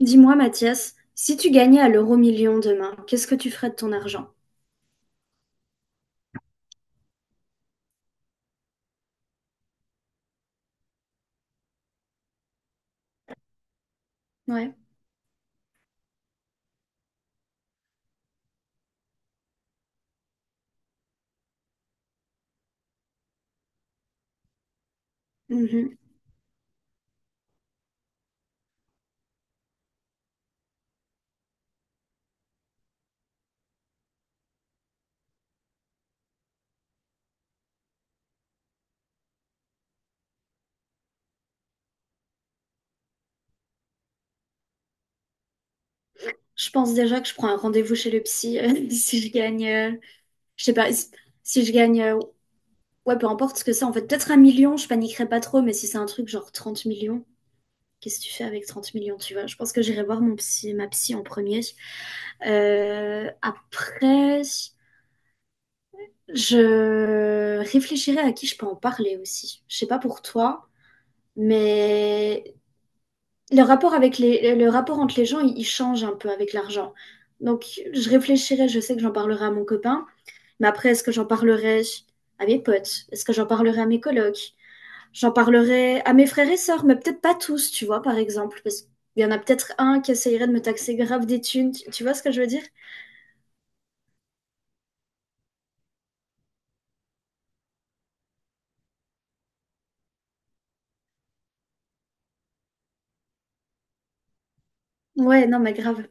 Dis-moi, Mathias, si tu gagnais à l'euro-million demain, qu'est-ce que tu ferais de ton argent? Ouais. Mhm. Je pense déjà que je prends un rendez-vous chez le psy si je gagne, je sais pas, si si je gagne, ouais, peu importe ce que c'est. En fait, peut-être un million, je paniquerais pas trop, mais si c'est un truc genre trente millions, qu'est-ce que tu fais avec 30 millions, tu vois? Je pense que j'irai voir mon psy, ma psy en premier. Après, je réfléchirai à qui je peux en parler aussi. Je sais pas pour toi, mais le rapport avec le rapport entre les gens, il change un peu avec l'argent. Donc, je réfléchirai, je sais que j'en parlerai à mon copain, mais après, est-ce que j'en parlerai à mes potes? Est-ce que j'en parlerai à mes colocs? J'en parlerai à mes frères et sœurs, mais peut-être pas tous, tu vois, par exemple, parce qu'il y en a peut-être un qui essayerait de me taxer grave des thunes, tu vois ce que je veux dire? Ouais, non, mais grave.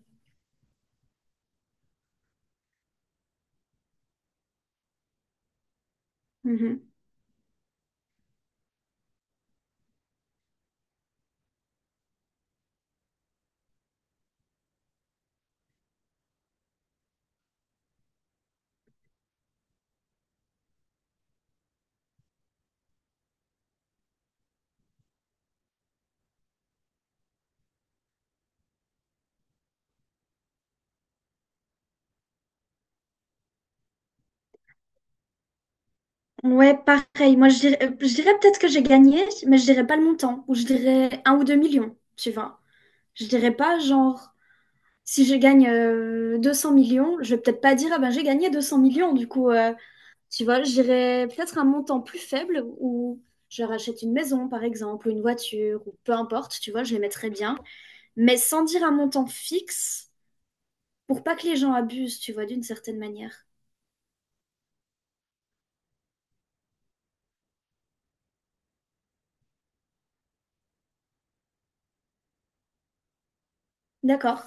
Mhm. Ouais, pareil. Moi, je dirais peut-être que j'ai gagné, mais je dirais pas le montant, ou je dirais un ou deux millions, tu vois. Je dirais pas genre. Si je gagne 200 millions, je vais peut-être pas dire, ah ben j'ai gagné 200 millions, du coup, tu vois, j'irai peut-être un montant plus faible où je rachète une maison, par exemple, ou une voiture, ou peu importe, tu vois, je les mettrai bien, mais sans dire un montant fixe pour pas que les gens abusent, tu vois, d'une certaine manière. D'accord.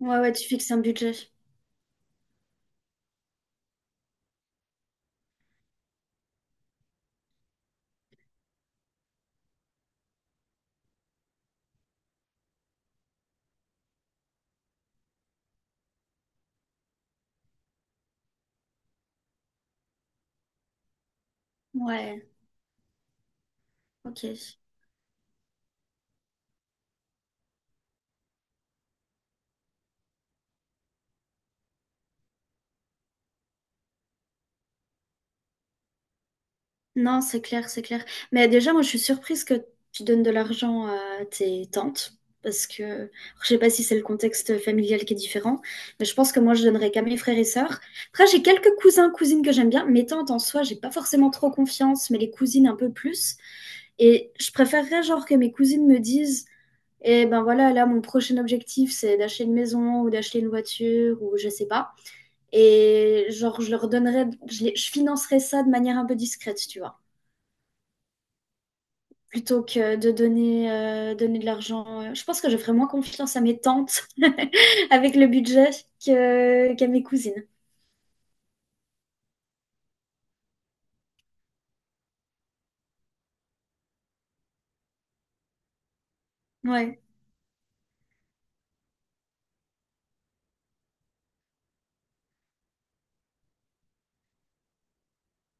Ouais, ouais, tu fixes un budget. Ouais, ok. Non, c'est clair, c'est clair. Mais déjà, moi, je suis surprise que tu donnes de l'argent à tes tantes, parce que je sais pas si c'est le contexte familial qui est différent, mais je pense que moi, je donnerais qu'à mes frères et sœurs. Après, j'ai quelques cousins, cousines que j'aime bien. Mes tantes, en soi, j'ai pas forcément trop confiance, mais les cousines un peu plus. Et je préférerais, genre, que mes cousines me disent, eh ben voilà, là, mon prochain objectif, c'est d'acheter une maison ou d'acheter une voiture ou je sais pas. Et genre, je leur donnerais, je financerais ça de manière un peu discrète, tu vois. Plutôt que de donner, donner de l'argent. Je pense que je ferais moins confiance à mes tantes avec le budget qu'à mes cousines. Ouais,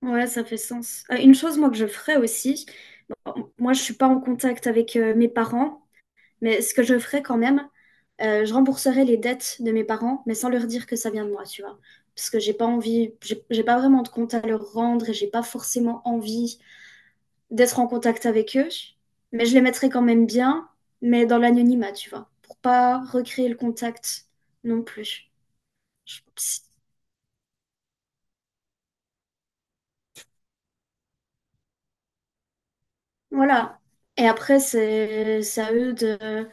ouais, ça fait sens. Une chose, moi, que je ferais aussi, bon, moi, je suis pas en contact avec mes parents, mais ce que je ferais quand même, je rembourserais les dettes de mes parents, mais sans leur dire que ça vient de moi, tu vois. Parce que j'ai pas envie, j'ai pas vraiment de compte à leur rendre et j'ai pas forcément envie d'être en contact avec eux, mais je les mettrai quand même bien, mais dans l'anonymat, tu vois, pour pas recréer le contact non plus. Je- Voilà. Et après, c'est à eux de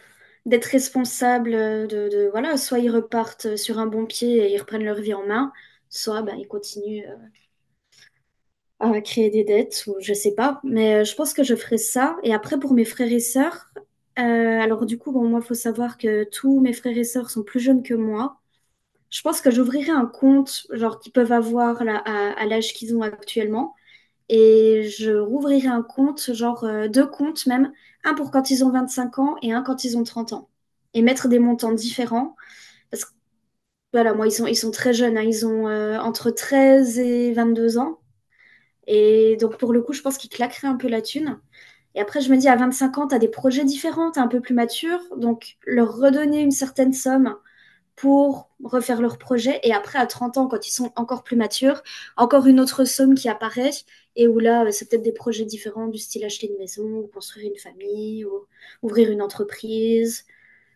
d'être responsables de voilà, soit ils repartent sur un bon pied et ils reprennent leur vie en main, soit ben, ils continuent à créer des dettes ou je sais pas. Mais je pense que je ferai ça. Et après, pour mes frères et sœurs, alors du coup, bon, moi, il faut savoir que tous mes frères et sœurs sont plus jeunes que moi. Je pense que j'ouvrirai un compte, genre qu'ils peuvent avoir là, à l'âge qu'ils ont actuellement. Et je rouvrirai un compte, deux comptes même, un pour quand ils ont 25 ans et un quand ils ont 30 ans. Et mettre des montants différents. Parce que voilà, moi, ils sont très jeunes, hein, ils ont entre 13 et 22 ans. Et donc, pour le coup, je pense qu'ils claqueraient un peu la thune. Et après, je me dis, à 25 ans, t'as des projets différents, t'es un peu plus mature. Donc, leur redonner une certaine somme pour refaire leur projet. Et après, à 30 ans, quand ils sont encore plus matures, encore une autre somme qui apparaît et où là, c'est peut-être des projets différents du style acheter une maison, ou construire une famille, ou ouvrir une entreprise.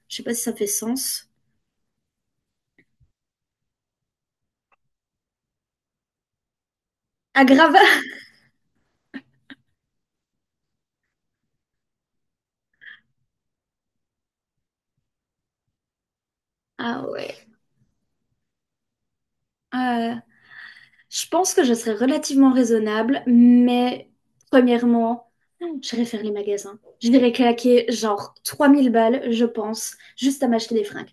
Je sais pas si ça fait sens. Aggrave. Ah ouais. Euh, je pense que je serais relativement raisonnable, mais premièrement, j'irais faire les magasins. Je dirais claquer genre 3000 balles, je pense, juste à m'acheter des fringues.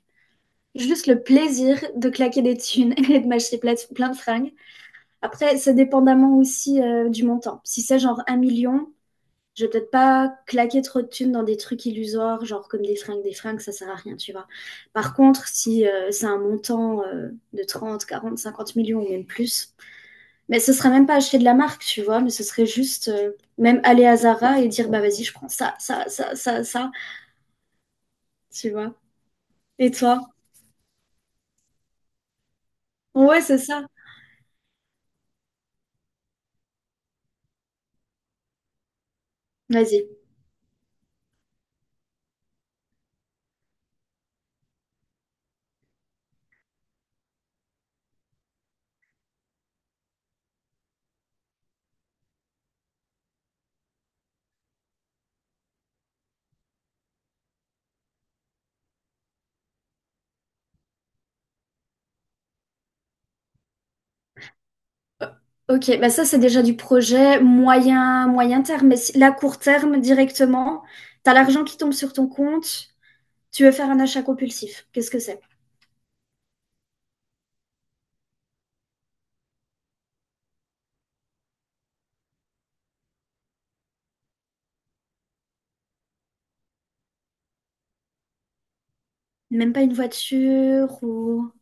Juste le plaisir de claquer des thunes et de m'acheter plein de fringues. Après, ça dépendamment aussi du montant. Si c'est genre un million, je vais peut-être pas claquer trop de thunes dans des trucs illusoires, genre comme des fringues, ça sert à rien, tu vois. Par contre, si c'est un montant de 30, 40, 50 millions ou même plus, mais ce serait même pas acheter de la marque, tu vois, mais ce serait juste même aller à Zara et dire, bah vas-y, je prends ça, ça, ça, ça, ça, tu vois. Et toi? Ouais, c'est ça. Vas-y. Ok, bah ça c'est déjà du projet moyen, moyen terme, mais si, là court terme directement, t'as l'argent qui tombe sur ton compte, tu veux faire un achat compulsif. Qu'est-ce que c'est? Même pas une voiture ou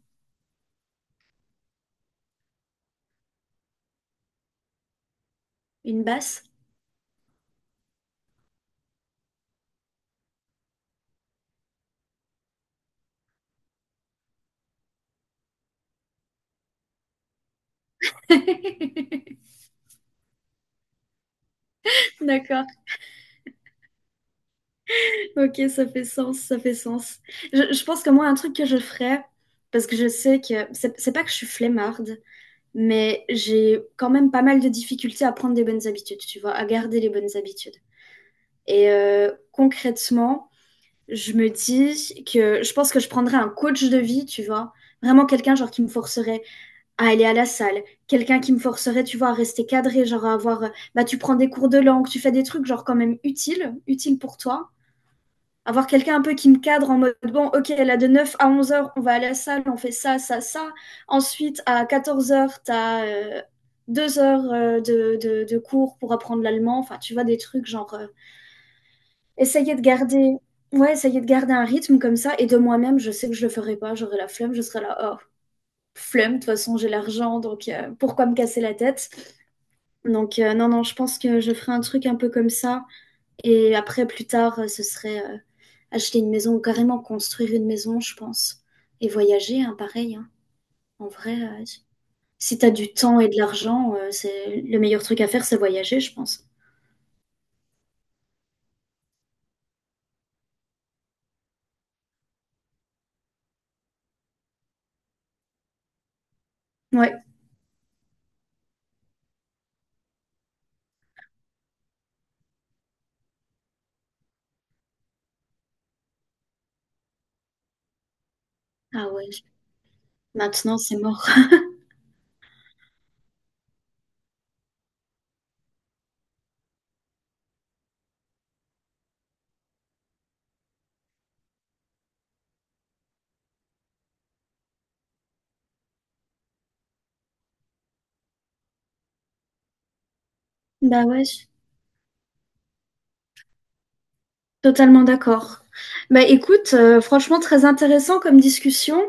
une basse? D'accord. Ok, ça fait sens, ça fait sens. Je pense que moi, un truc que je ferais, parce que je sais que c'est pas que je suis flemmarde, mais j'ai quand même pas mal de difficultés à prendre des bonnes habitudes, tu vois, à garder les bonnes habitudes. Et concrètement, je me dis que je pense que je prendrais un coach de vie, tu vois. Vraiment quelqu'un genre qui me forcerait à aller à la salle, quelqu'un qui me forcerait, tu vois, à rester cadré, genre à avoir, bah tu prends des cours de langue, tu fais des trucs genre quand même utiles, utiles pour toi. Avoir quelqu'un un peu qui me cadre en mode, bon, ok, là de 9 à 11 heures, on va à la salle, on fait ça, ça, ça. Ensuite, à 14 heures, t'as deux heures de cours pour apprendre l'allemand, enfin, tu vois, des trucs genre... Essayer de garder ouais, essayer de garder un rythme comme ça et de moi-même, je sais que je le ferai pas, j'aurai la flemme, je serai là: «Oh, flemme, de toute façon, j'ai l'argent donc pourquoi me casser la tête?» donc non, non, je pense que je ferai un truc un peu comme ça et après plus tard, ce serait, acheter une maison ou carrément construire une maison, je pense et voyager, hein, pareil, hein. En vrai, si t'as du temps et de l'argent, c'est le meilleur truc à faire, c'est voyager, je pense. Ouais. Ah ouais, maintenant, c'est mort. Bah ouais. Totalement d'accord. Bah écoute, franchement très intéressant comme discussion.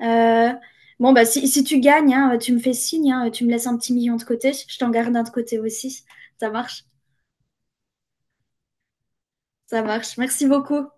Euh, bon bah si, si tu gagnes, hein, tu me fais signe, hein, tu me laisses un petit million de côté, je t'en garde un de côté aussi. Ça marche, ça marche. Merci beaucoup.